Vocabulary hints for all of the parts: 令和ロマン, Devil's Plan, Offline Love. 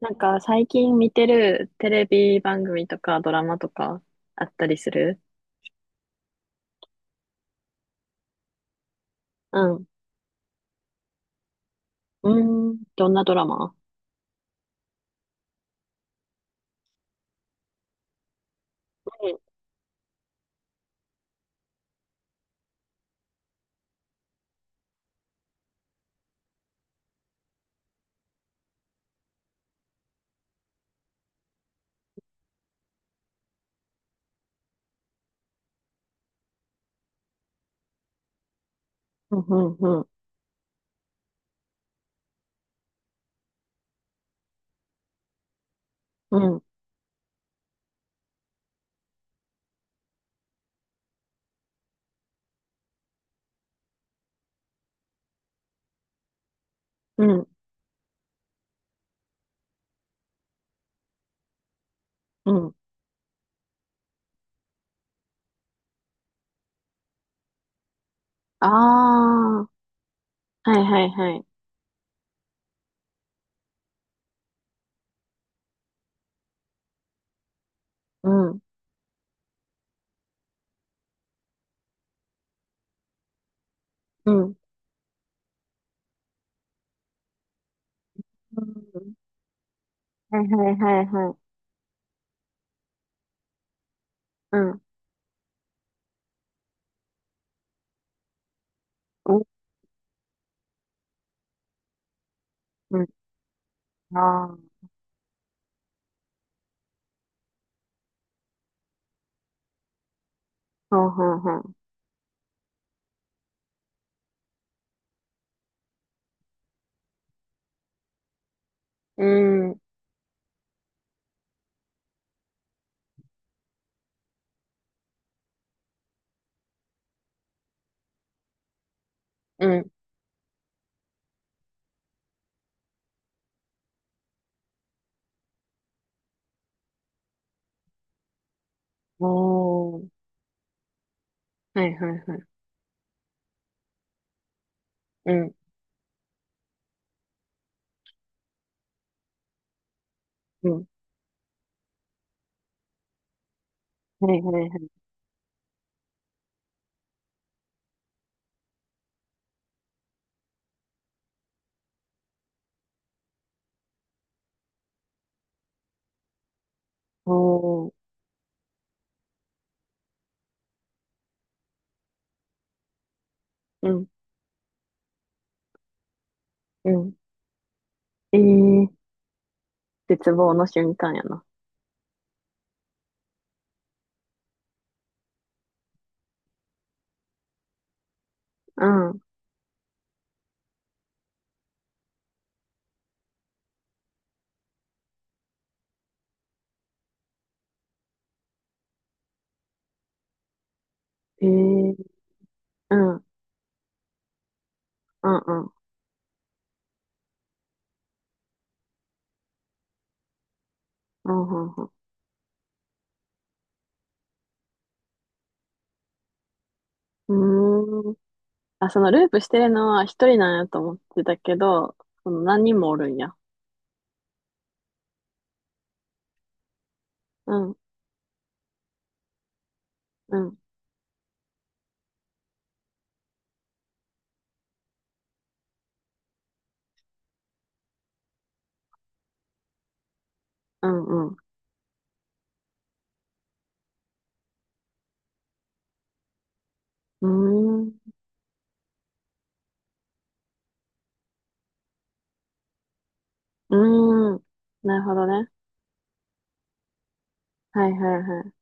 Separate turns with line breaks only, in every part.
なんか最近見てるテレビ番組とかドラマとかあったりする？うん。うーん。どんなドラマ？うん、うん、うん、うん、うん。うん、うん。ああ、はいはいはい。うん、うん。うん。はいはいはいはい。うん、うん、うん。ああ、ほうほうほう。うん、うん。おー。はいはいはい。うん、うん。はいはいはい。おー。うん、うん。ええー、絶望の瞬間やな。うん、ええ、うん、うん、うん、うん、うん。うん、うーん。あ、そのループしてるのは一人なんやと思ってたけど、その何人もおるんや。うん、うん、うん、うん。うーん、うーん。なるほどね。はい、はい、はい。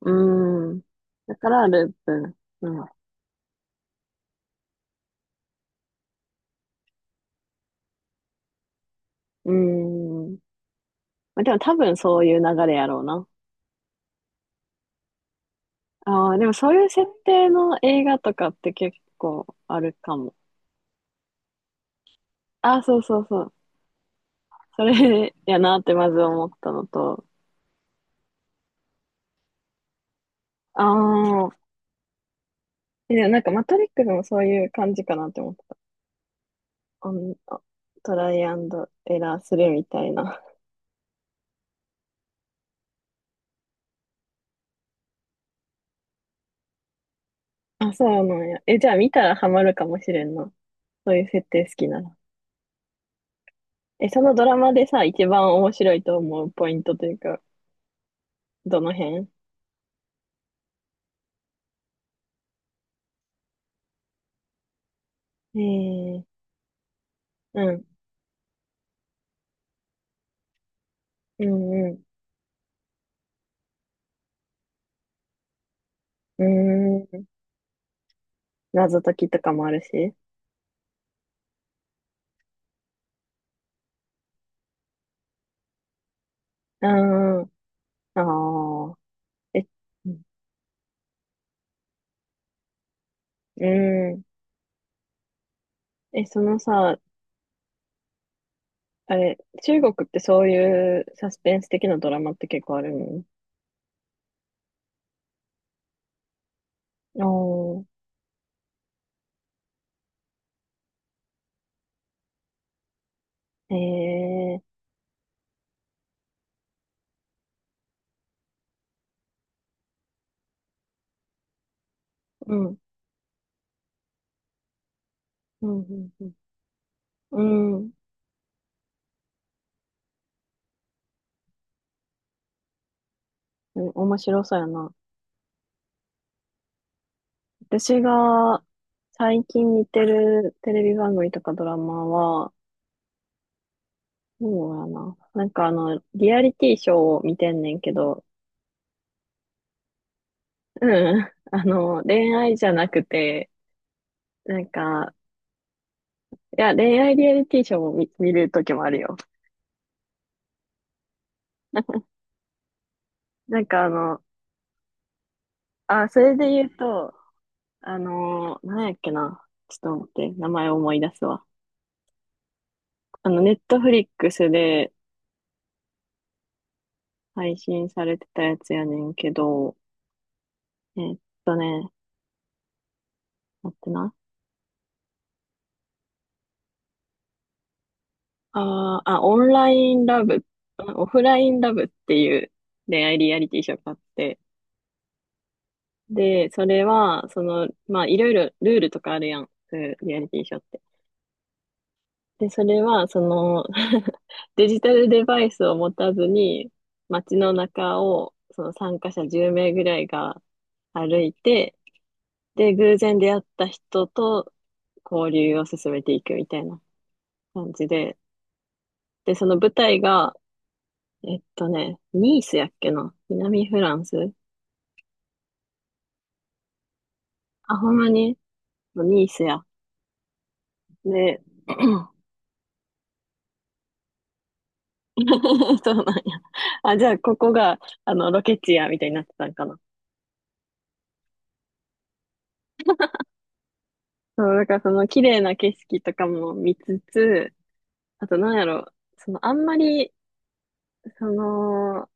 うーん。だからループ。うん。うーん。まあ、でも多分そういう流れやろうな。ああ、でもそういう設定の映画とかって結構あるかも。あ、そうそうそう。それやなってまず思ったのと、ああ、で、なんかマトリックスもそういう感じかなって思ってた。あんあトライアンドエラーするみたいな。あ、そうなんや。え、じゃあ見たらハマるかもしれんな。そういう設定好きなら。え、そのドラマでさ、一番面白いと思うポイントというか、どの辺？ええ、うん、うん、うん。うーん、謎解きとかもあるし。うん、ああ、え、うん、うん。え、そのさ、あれ、中国ってそういうサスペンス的なドラマって結構あるのおー、へえ、うん、うん、うん、うん。うん、うん。面白そうやな。私が最近見てるテレビ番組とかドラマは、そうやな。なんかあの、リアリティショーを見てんねんけど、うん、あの、恋愛じゃなくて、なんか、いや、恋愛リアリティショーも見るときもあるよ。なんかあの、あ、それで言うと、あのー、なんやっけな。ちょっと待って、名前思い出すわ。あの、ネットフリックスで配信されてたやつやねんけど、えーっね、待ってな。あーあ、オンラインラブ、オフラインラブっていう恋愛リアリティショーがあって、で、それは、その、まあ、いろいろルールとかあるやん。そういうリアリティショーっで、それは、その デジタルデバイスを持たずに、街の中を、その参加者10名ぐらいが歩いて、で、偶然出会った人と交流を進めていくみたいな感じで、で、その舞台が、ね、ニースやっけな、南フランス。あ、ほんまにニースや。で、そうなんや。あ、じゃあ、ここが、あの、ロケ地や、みたいになってたんかな。そう、だからその綺麗な景色とかも見つつ、あとなんやろ、そのあんまり、その、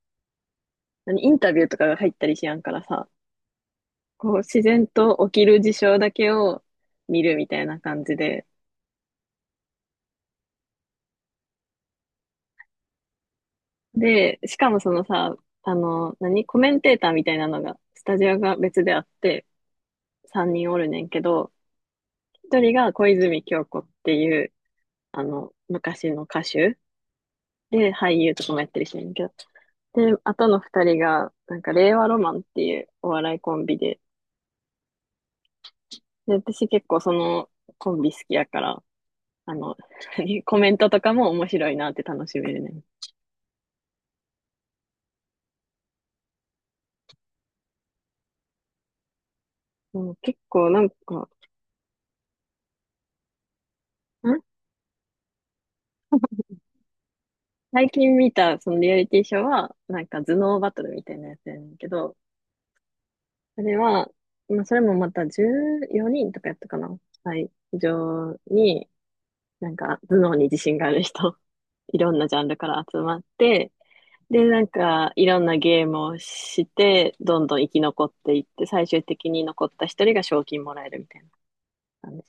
何、インタビューとかが入ったりしやんからさ、こう自然と起きる事象だけを見るみたいな感じで。で、しかもそのさ、あの、何、コメンテーターみたいなのが、スタジオが別であって、3人おるねんけど、一人が小泉今日子っていう、あの、昔の歌手で俳優とかもやってる人やねんけど、で、あとの二人が、なんか、令和ロマンっていうお笑いコンビで、で、私結構そのコンビ好きやから、あの、コメントとかも面白いなって楽しめるね。もう結構なんか、ん最近見たそのリアリティショーは、なんか頭脳バトルみたいなやつやねんけど、それは、まあ、それもまた14人とかやったかな。はい。非常に、なんか頭脳に自信がある人、いろんなジャンルから集まって、で、なんか、いろんなゲームをして、どんどん生き残っていって、最終的に残った一人が賞金もらえるみたいな感じ。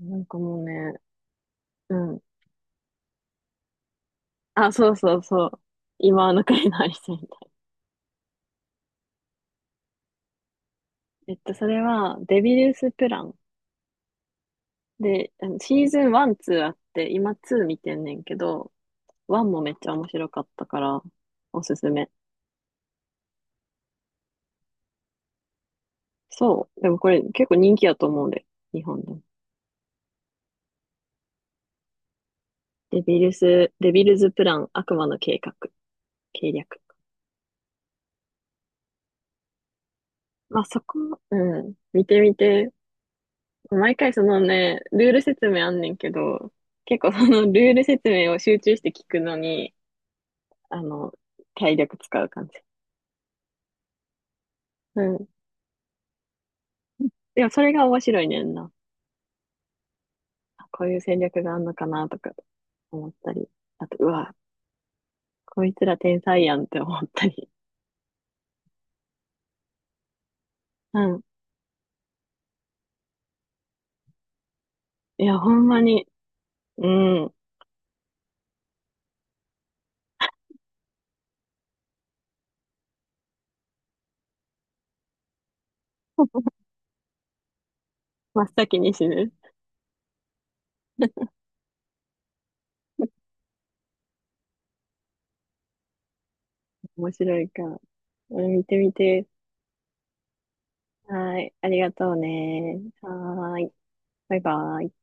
なんかもうね、うん。あ、そうそうそう。今の国のアリスみたいな。それは、デビルスプラン。で、あのシーズン1、2あって、今2見てんねんけど、1もめっちゃ面白かったから、おすすめ。そう。でもこれ結構人気やと思うんで、日本でも。デビルズプラン、悪魔の計画、計略。まあ、そこ、うん、見てみて。毎回そのね、ルール説明あんねんけど、結構その ルール説明を集中して聞くのに、あの、体力使う感じ。うん。でもそれが面白いねんな。こういう戦略があんのかなとか思ったり。あと、うわ、こいつら天才やんって思ったり。うん。いや、ほんまに、うん。真っ先に死ぬ。面白いから。うん、見てみて。はい。ありがとうね。はーい。バイバイ。